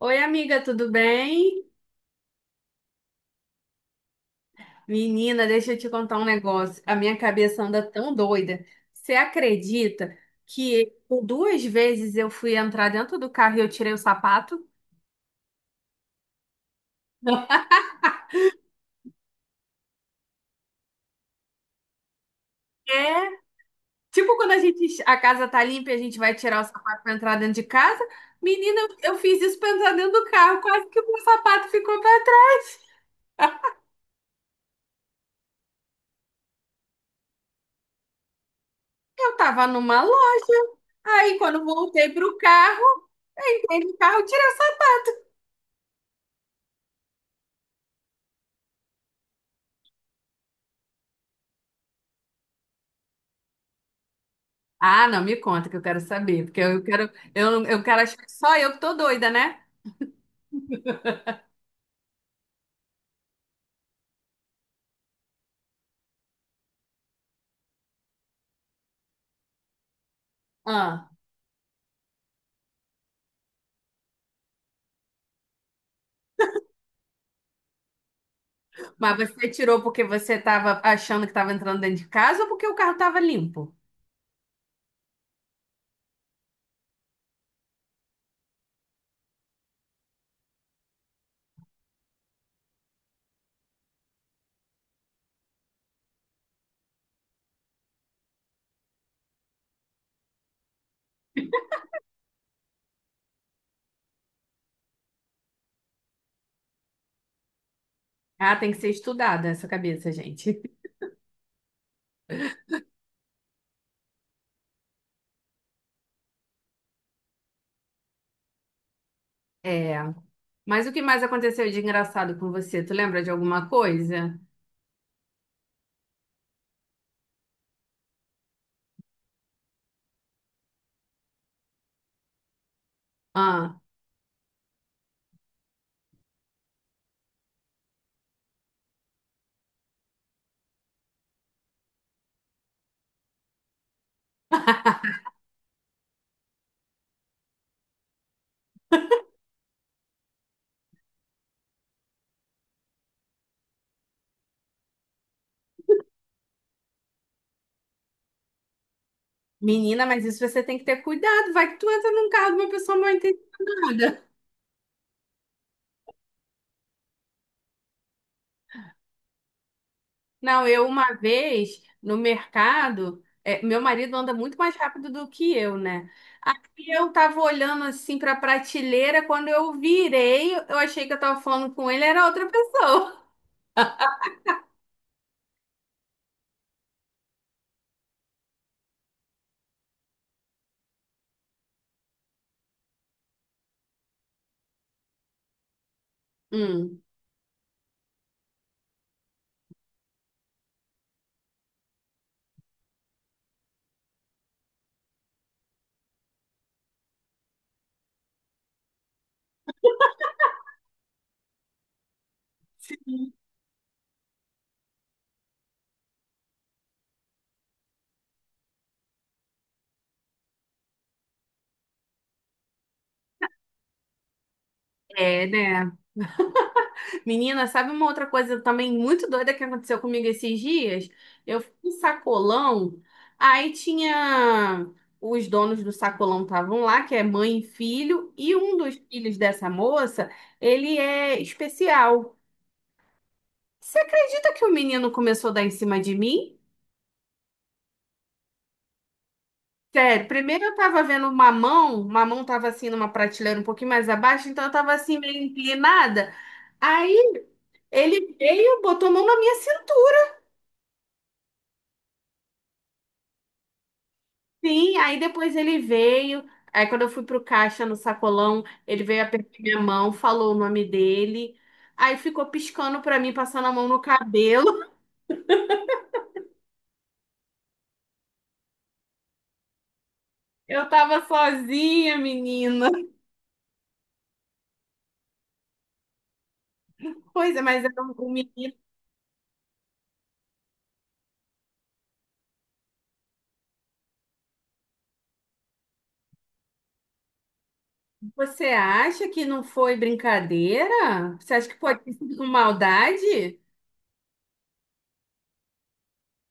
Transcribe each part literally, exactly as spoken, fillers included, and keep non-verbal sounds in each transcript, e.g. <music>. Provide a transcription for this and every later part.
Oi, amiga, tudo bem? Menina, deixa eu te contar um negócio. A minha cabeça anda tão doida. Você acredita que por duas vezes eu fui entrar dentro do carro e eu tirei o sapato? <laughs> É, tipo quando a gente, a casa tá limpa e a gente vai tirar o sapato pra entrar dentro de casa. Menina, eu eu fiz isso pra entrar dentro do carro, quase que o meu sapato ficou pra trás. Eu tava numa loja. Aí, quando voltei pro carro, eu entrei no carro, tirei. Ah, não, me conta que eu quero saber, porque eu quero, eu, eu quero achar que só eu que tô doida, né? Ah, mas você tirou porque você tava achando que tava entrando dentro de casa ou porque o carro tava limpo? Ah, tem que ser estudada essa cabeça, gente. <laughs> É. Mas o que mais aconteceu de engraçado com você? Tu lembra de alguma coisa? Ah, menina, mas isso você tem que ter cuidado. Vai que tu entra num carro de uma pessoa mal intencionada. Não, eu uma vez no mercado, é, meu marido anda muito mais rápido do que eu, né? Aí eu tava olhando assim pra prateleira, quando eu virei, eu achei que eu tava falando com ele, era outra pessoa. Hum. <laughs> É, né? Menina, sabe uma outra coisa também muito doida que aconteceu comigo esses dias? Eu fui no sacolão, aí tinha os donos do sacolão estavam lá, que é mãe e filho, e um dos filhos dessa moça, ele é especial. Você acredita que o menino começou a dar em cima de mim? Sério, primeiro eu tava vendo o mamão, o mamão tava assim numa prateleira um pouquinho mais abaixo, então eu tava assim meio inclinada. Aí ele veio, botou a mão na minha cintura. Sim, aí depois ele veio. Aí quando eu fui pro caixa no sacolão, ele veio apertar minha mão, falou o nome dele. Aí ficou piscando pra mim, passando a mão no cabelo. <laughs> Eu tava sozinha, menina. Pois é, mas era um um menino. Você acha que não foi brincadeira? Você acha que pode ter sido com maldade?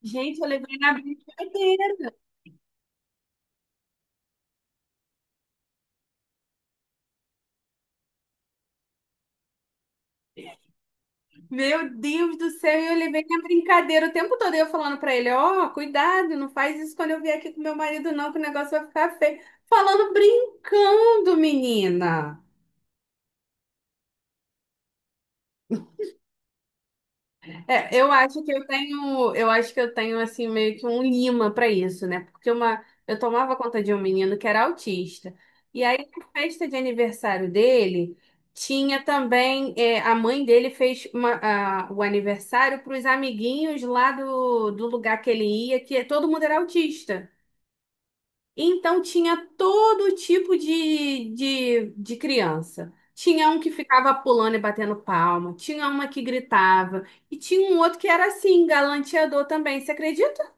Gente, eu levei na brincadeira. Meu Deus do céu, eu levei na brincadeira o tempo todo eu falando pra ele, ó, cuidado, não faz isso quando eu vier aqui com meu marido não, que o negócio vai ficar feio. Falando brincando, menina. É, eu acho que eu tenho, eu acho que eu tenho assim meio que um lima pra isso, né? Porque uma, eu tomava conta de um menino que era autista. E aí na festa de aniversário dele tinha também é, a mãe dele fez uma- a- o aniversário para os amiguinhos lá do, do lugar que ele ia, que todo mundo era autista. Então tinha todo tipo de, de, de criança. Tinha um que ficava pulando e batendo palma, tinha uma que gritava, e tinha um outro que era assim, galanteador também, você acredita?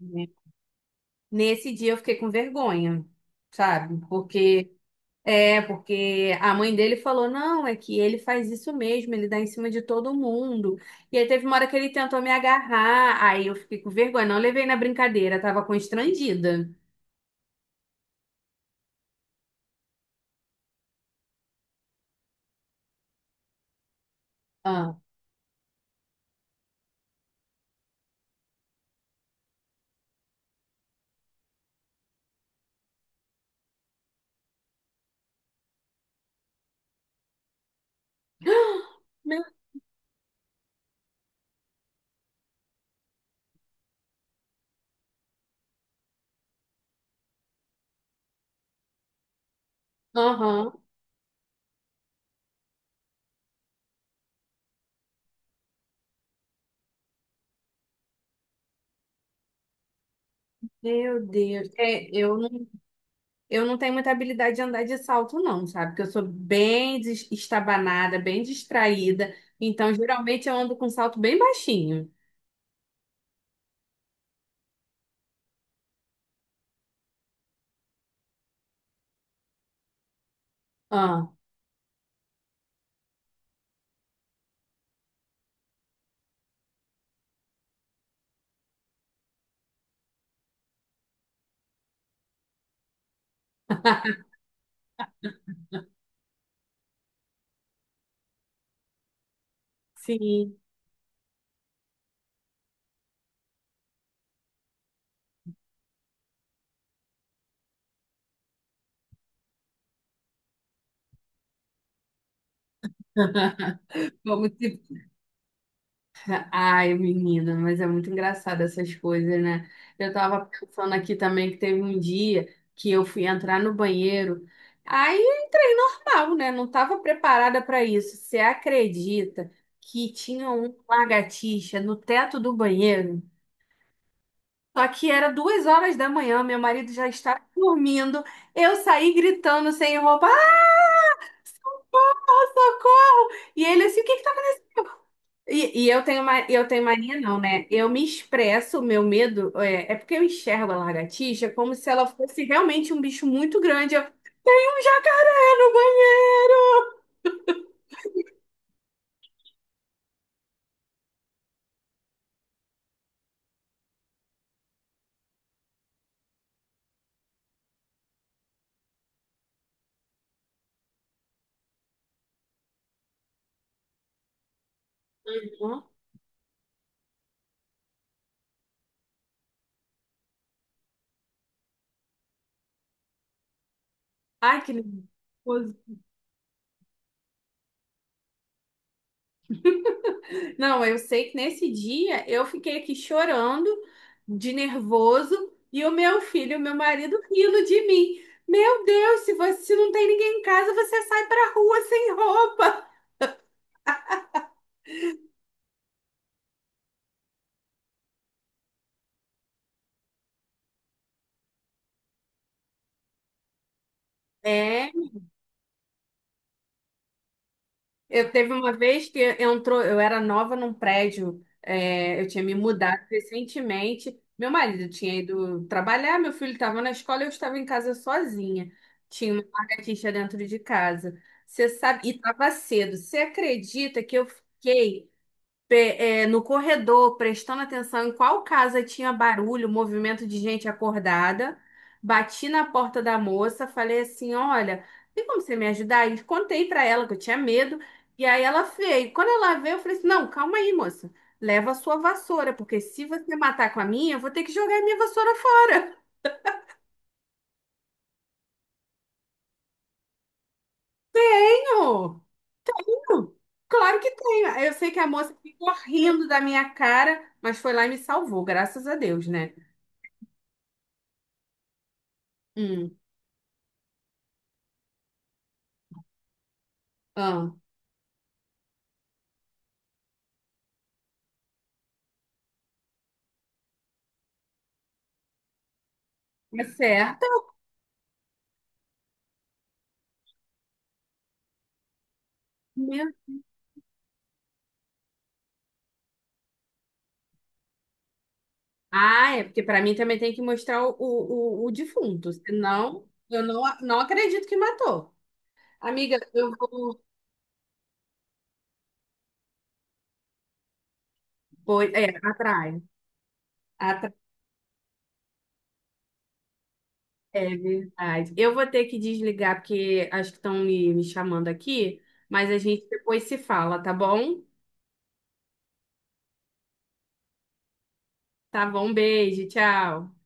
Né? Nesse dia eu fiquei com vergonha, sabe? Porque é, porque a mãe dele falou: "Não, é que ele faz isso mesmo, ele dá em cima de todo mundo". E aí teve uma hora que ele tentou me agarrar, aí eu fiquei com vergonha, não levei na brincadeira, tava constrangida. Ah. <gasps> Aham. Meu Deus. É, eu não, eu não tenho muita habilidade de andar de salto, não, sabe? Porque eu sou bem des- estabanada, bem distraída. Então, geralmente, eu ando com salto bem baixinho. Ah, sim. <laughs> Como se... Ai, menina, mas é muito engraçado essas coisas, né? Eu tava pensando aqui também que teve um dia que eu fui entrar no banheiro. Aí. Não, né? Não estava preparada para isso. Você acredita que tinha um lagartixa no teto do banheiro? Só que era duas horas da manhã, meu marido já estava dormindo. Eu saí gritando sem roupa, ah, socorro! E ele assim, o que que tá acontecendo? E, e eu tenho ma- eu tenho mania, não, né? Eu me expresso, o meu medo é, é porque eu enxergo a lagartixa como se ela fosse realmente um bicho muito grande. Eu, um jacaré no banheiro! Ai, que nervoso. Não, eu sei que nesse dia eu fiquei aqui chorando de nervoso e o meu filho, o meu marido, rindo de mim. Meu Deus, se você se não tem ninguém em casa, você sai pra rua sem roupa. É. Eu teve uma vez que entrou, eu era nova num prédio, é, eu tinha me mudado recentemente. Meu marido tinha ido trabalhar, meu filho estava na escola, eu estava em casa sozinha. Tinha uma lagartixa dentro de casa. Você sabe, e estava cedo. Você acredita que eu fiquei pe- é, no corredor, prestando atenção em qual casa tinha barulho, movimento de gente acordada. Bati na porta da moça, falei assim: Olha, tem como você me ajudar? E contei pra ela que eu tinha medo. E aí ela veio. Quando ela veio, eu falei assim: Não, calma aí, moça. Leva a sua vassoura, porque se você matar com a minha, eu vou ter que jogar a minha vassoura fora. Tenho. Claro que tenho. Eu sei que a moça ficou rindo da minha cara, mas foi lá e me salvou, graças a Deus, né? Hum. Ah, é certo. Meu- Ah, é porque pra mim também tem que mostrar o, o, o defunto, senão eu não, não acredito que matou. Amiga, eu vou. Pois, é, atrai. Atrai. É verdade. Eu vou ter que desligar porque acho que estão me, me chamando aqui, mas a gente depois se fala, tá bom? Tá bom, beijo, tchau.